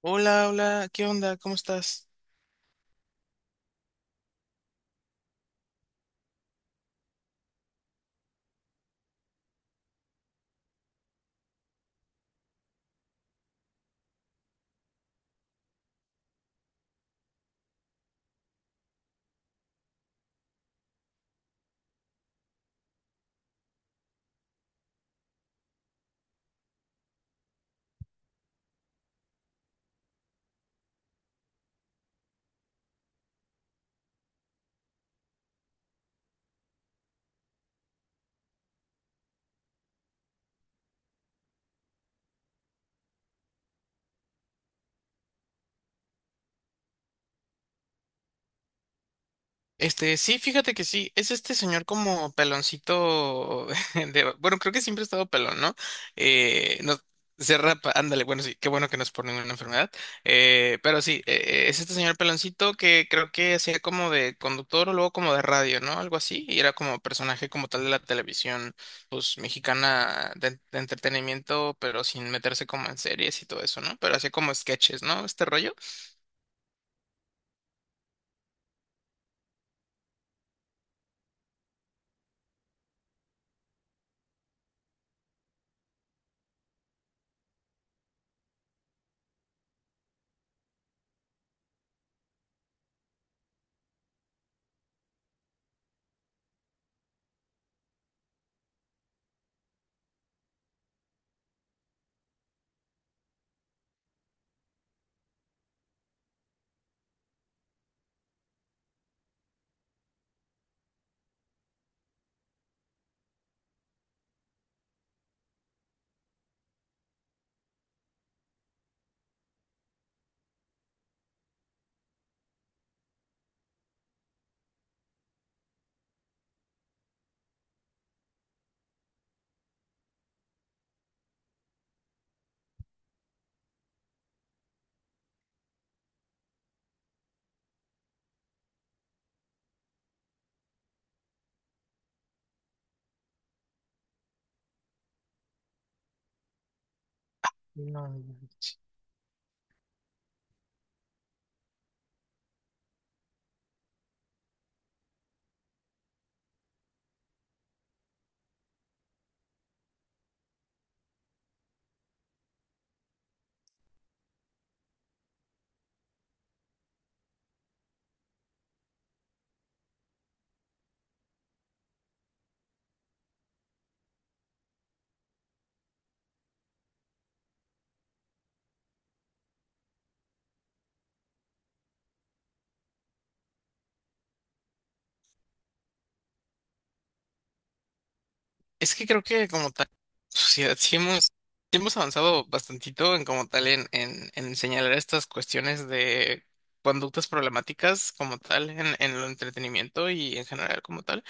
Hola, hola, ¿qué onda? ¿Cómo estás? Sí, fíjate que sí, es este señor como peloncito de, bueno, creo que siempre ha estado pelón, ¿no? No, se rapa, ándale, bueno, sí, qué bueno que no es por ninguna enfermedad, pero sí, es este señor peloncito que creo que hacía como de conductor o luego como de radio, ¿no? Algo así, y era como personaje como tal de la televisión, pues, mexicana de entretenimiento, pero sin meterse como en series y todo eso, ¿no? Pero hacía como sketches, ¿no? Este rollo. No. Es que creo que como tal, sociedad, sí hemos avanzado bastantito en como tal en señalar estas cuestiones de conductas problemáticas como tal en el entretenimiento y en general como tal.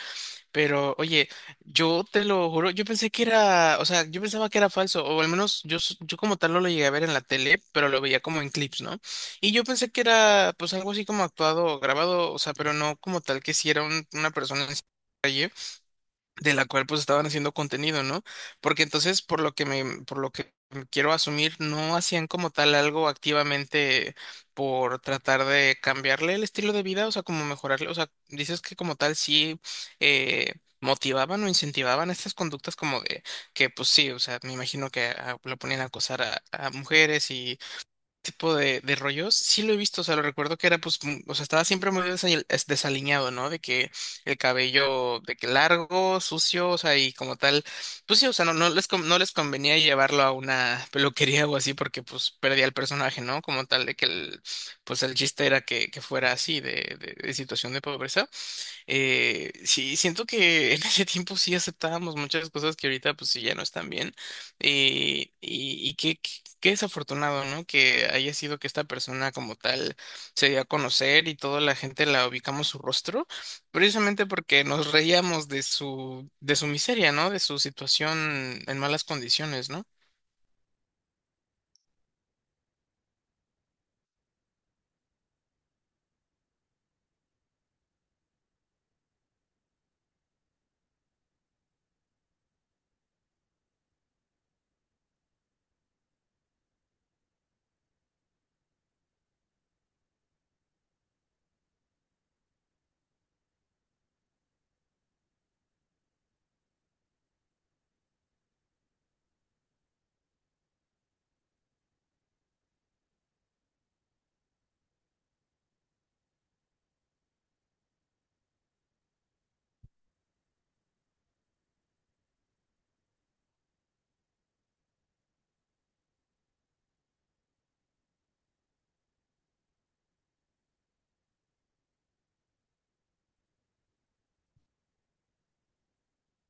Pero oye, yo te lo juro, yo pensé que era, o sea, yo pensaba que era falso, o al menos yo, yo como tal no lo llegué a ver en la tele, pero lo veía como en clips, ¿no? Y yo pensé que era pues algo así como actuado o grabado, o sea, pero no como tal que si era una persona en la calle de la cual pues estaban haciendo contenido, ¿no? Porque entonces, por lo que quiero asumir, no hacían como tal algo activamente por tratar de cambiarle el estilo de vida, o sea, como mejorarle, o sea, dices que como tal sí eh, motivaban o incentivaban estas conductas como de que pues sí, o sea, me imagino que lo ponían a acosar a mujeres y tipo de rollos, sí lo he visto, o sea, lo recuerdo que era, pues, o sea, estaba siempre muy desaliñado, ¿no? De que el cabello, de que largo, sucio, o sea, y como tal, pues sí, o sea, no les, no les convenía llevarlo a una peluquería o así porque, pues, perdía el personaje, ¿no? Como tal, de que el, pues, el chiste era que fuera así, de situación de pobreza. Sí, siento que en ese tiempo sí aceptábamos muchas cosas que ahorita pues sí ya no están bien. Y, qué desafortunado, ¿no? Que haya sido que esta persona como tal se dio a conocer y toda la gente la ubicamos su rostro, precisamente porque nos reíamos de su miseria, ¿no? De su situación en malas condiciones, ¿no?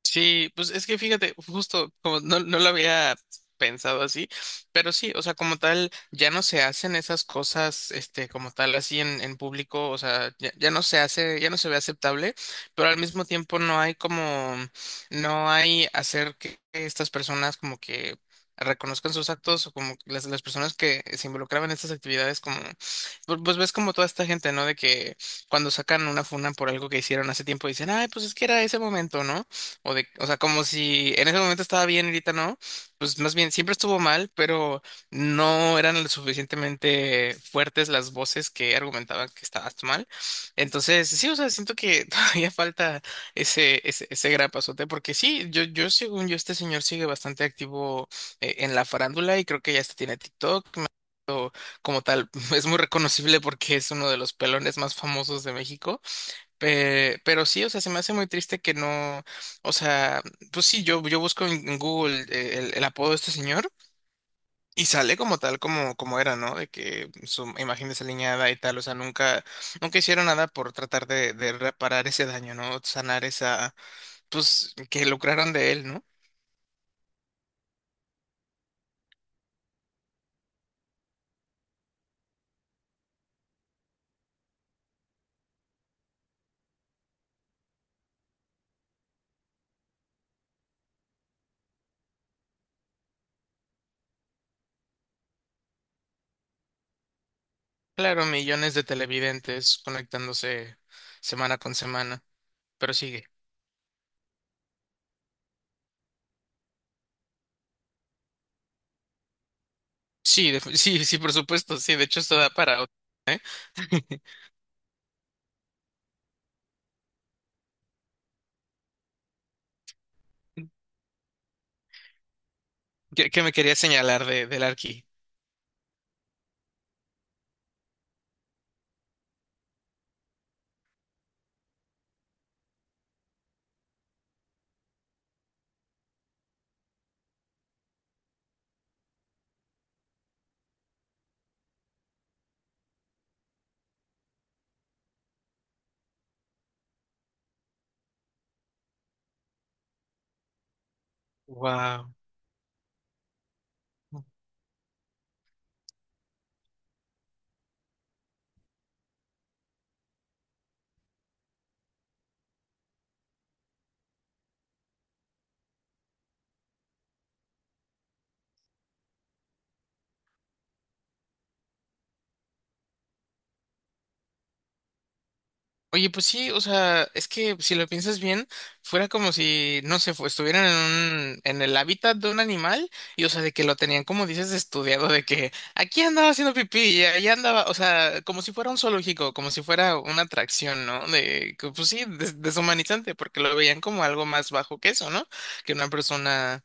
Sí, pues es que fíjate, justo como no lo había pensado así, pero sí, o sea, como tal, ya no se hacen esas cosas, este, como tal, así en público, o sea, ya no se hace, ya no se ve aceptable, pero al mismo tiempo no hay como, no hay hacer que estas personas como que reconozcan sus actos o como las personas que se involucraban en estas actividades como, pues ves como toda esta gente, ¿no? De que cuando sacan una funa por algo que hicieron hace tiempo dicen, ay, pues es que era ese momento, ¿no? O sea, como si en ese momento estaba bien, ahorita no. Pues más bien, siempre estuvo mal, pero no eran lo suficientemente fuertes las voces que argumentaban que estabas mal. Entonces, sí, o sea, siento que todavía falta ese gran pasote, porque sí, según yo, este señor sigue bastante activo en la farándula y creo que ya hasta tiene TikTok. Como tal, es muy reconocible porque es uno de los pelones más famosos de México. Pero sí, o sea, se me hace muy triste que no, o sea, pues sí, yo busco en Google el apodo de este señor y sale como tal, como era, ¿no? De que su imagen desaliñada y tal, o sea, nunca hicieron nada por tratar de reparar ese daño, ¿no? Sanar esa, pues, que lucraron de él, ¿no? Claro, millones de televidentes conectándose semana con semana, pero sigue. Sí, sí, sí, por supuesto, sí, de hecho esto da para otro. Qué me quería señalar de, del Arqui? Wow. Oye, pues sí, o sea, es que si lo piensas bien, fuera como si, no sé, estuvieran en el hábitat de un animal y, o sea, de que lo tenían, como dices, estudiado, de que aquí andaba haciendo pipí y allá andaba, o sea, como si fuera un zoológico, como si fuera una atracción, ¿no? De, que, pues sí, deshumanizante, porque lo veían como algo más bajo que eso, ¿no? Que una persona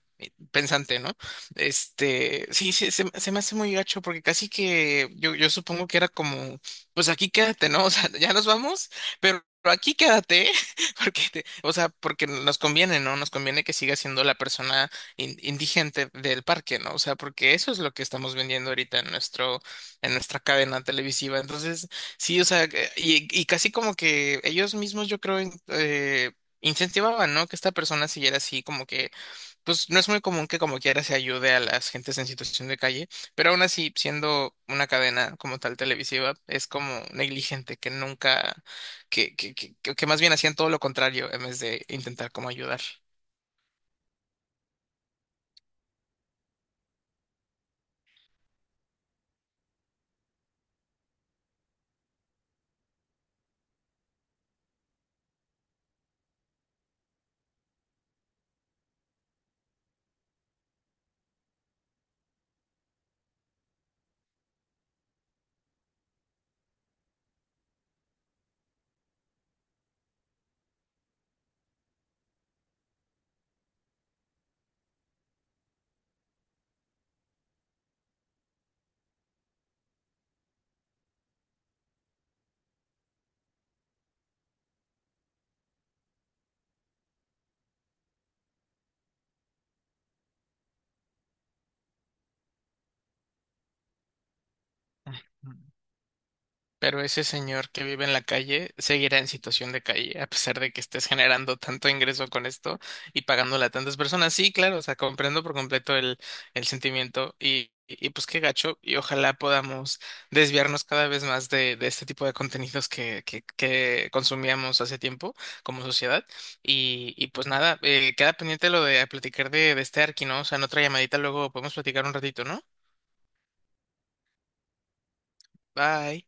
pensante, ¿no? Sí, se me hace muy gacho porque casi que yo supongo que era como, pues aquí quédate, ¿no? O sea, ya nos vamos, pero aquí quédate, porque o sea, porque nos conviene, ¿no? Nos conviene que siga siendo la persona indigente del parque, ¿no? O sea, porque eso es lo que estamos vendiendo ahorita en nuestro, en nuestra cadena televisiva. Entonces, sí, o sea, y casi como que ellos mismos, yo creo, incentivaban, ¿no? Que esta persona siguiera así como que pues no es muy común que como quiera se ayude a las gentes en situación de calle, pero aún así, siendo una cadena como tal televisiva, es como negligente, que nunca, que más bien hacían todo lo contrario en vez de intentar como ayudar. Pero ese señor que vive en la calle seguirá en situación de calle, a pesar de que estés generando tanto ingreso con esto y pagándole a tantas personas. Sí, claro, o sea, comprendo por completo el sentimiento y pues qué gacho. Y ojalá podamos desviarnos cada vez más de este tipo de contenidos que consumíamos hace tiempo como sociedad. Y pues nada, queda pendiente lo de platicar de este Arki, ¿no? O sea, en otra llamadita luego podemos platicar un ratito, ¿no? Bye.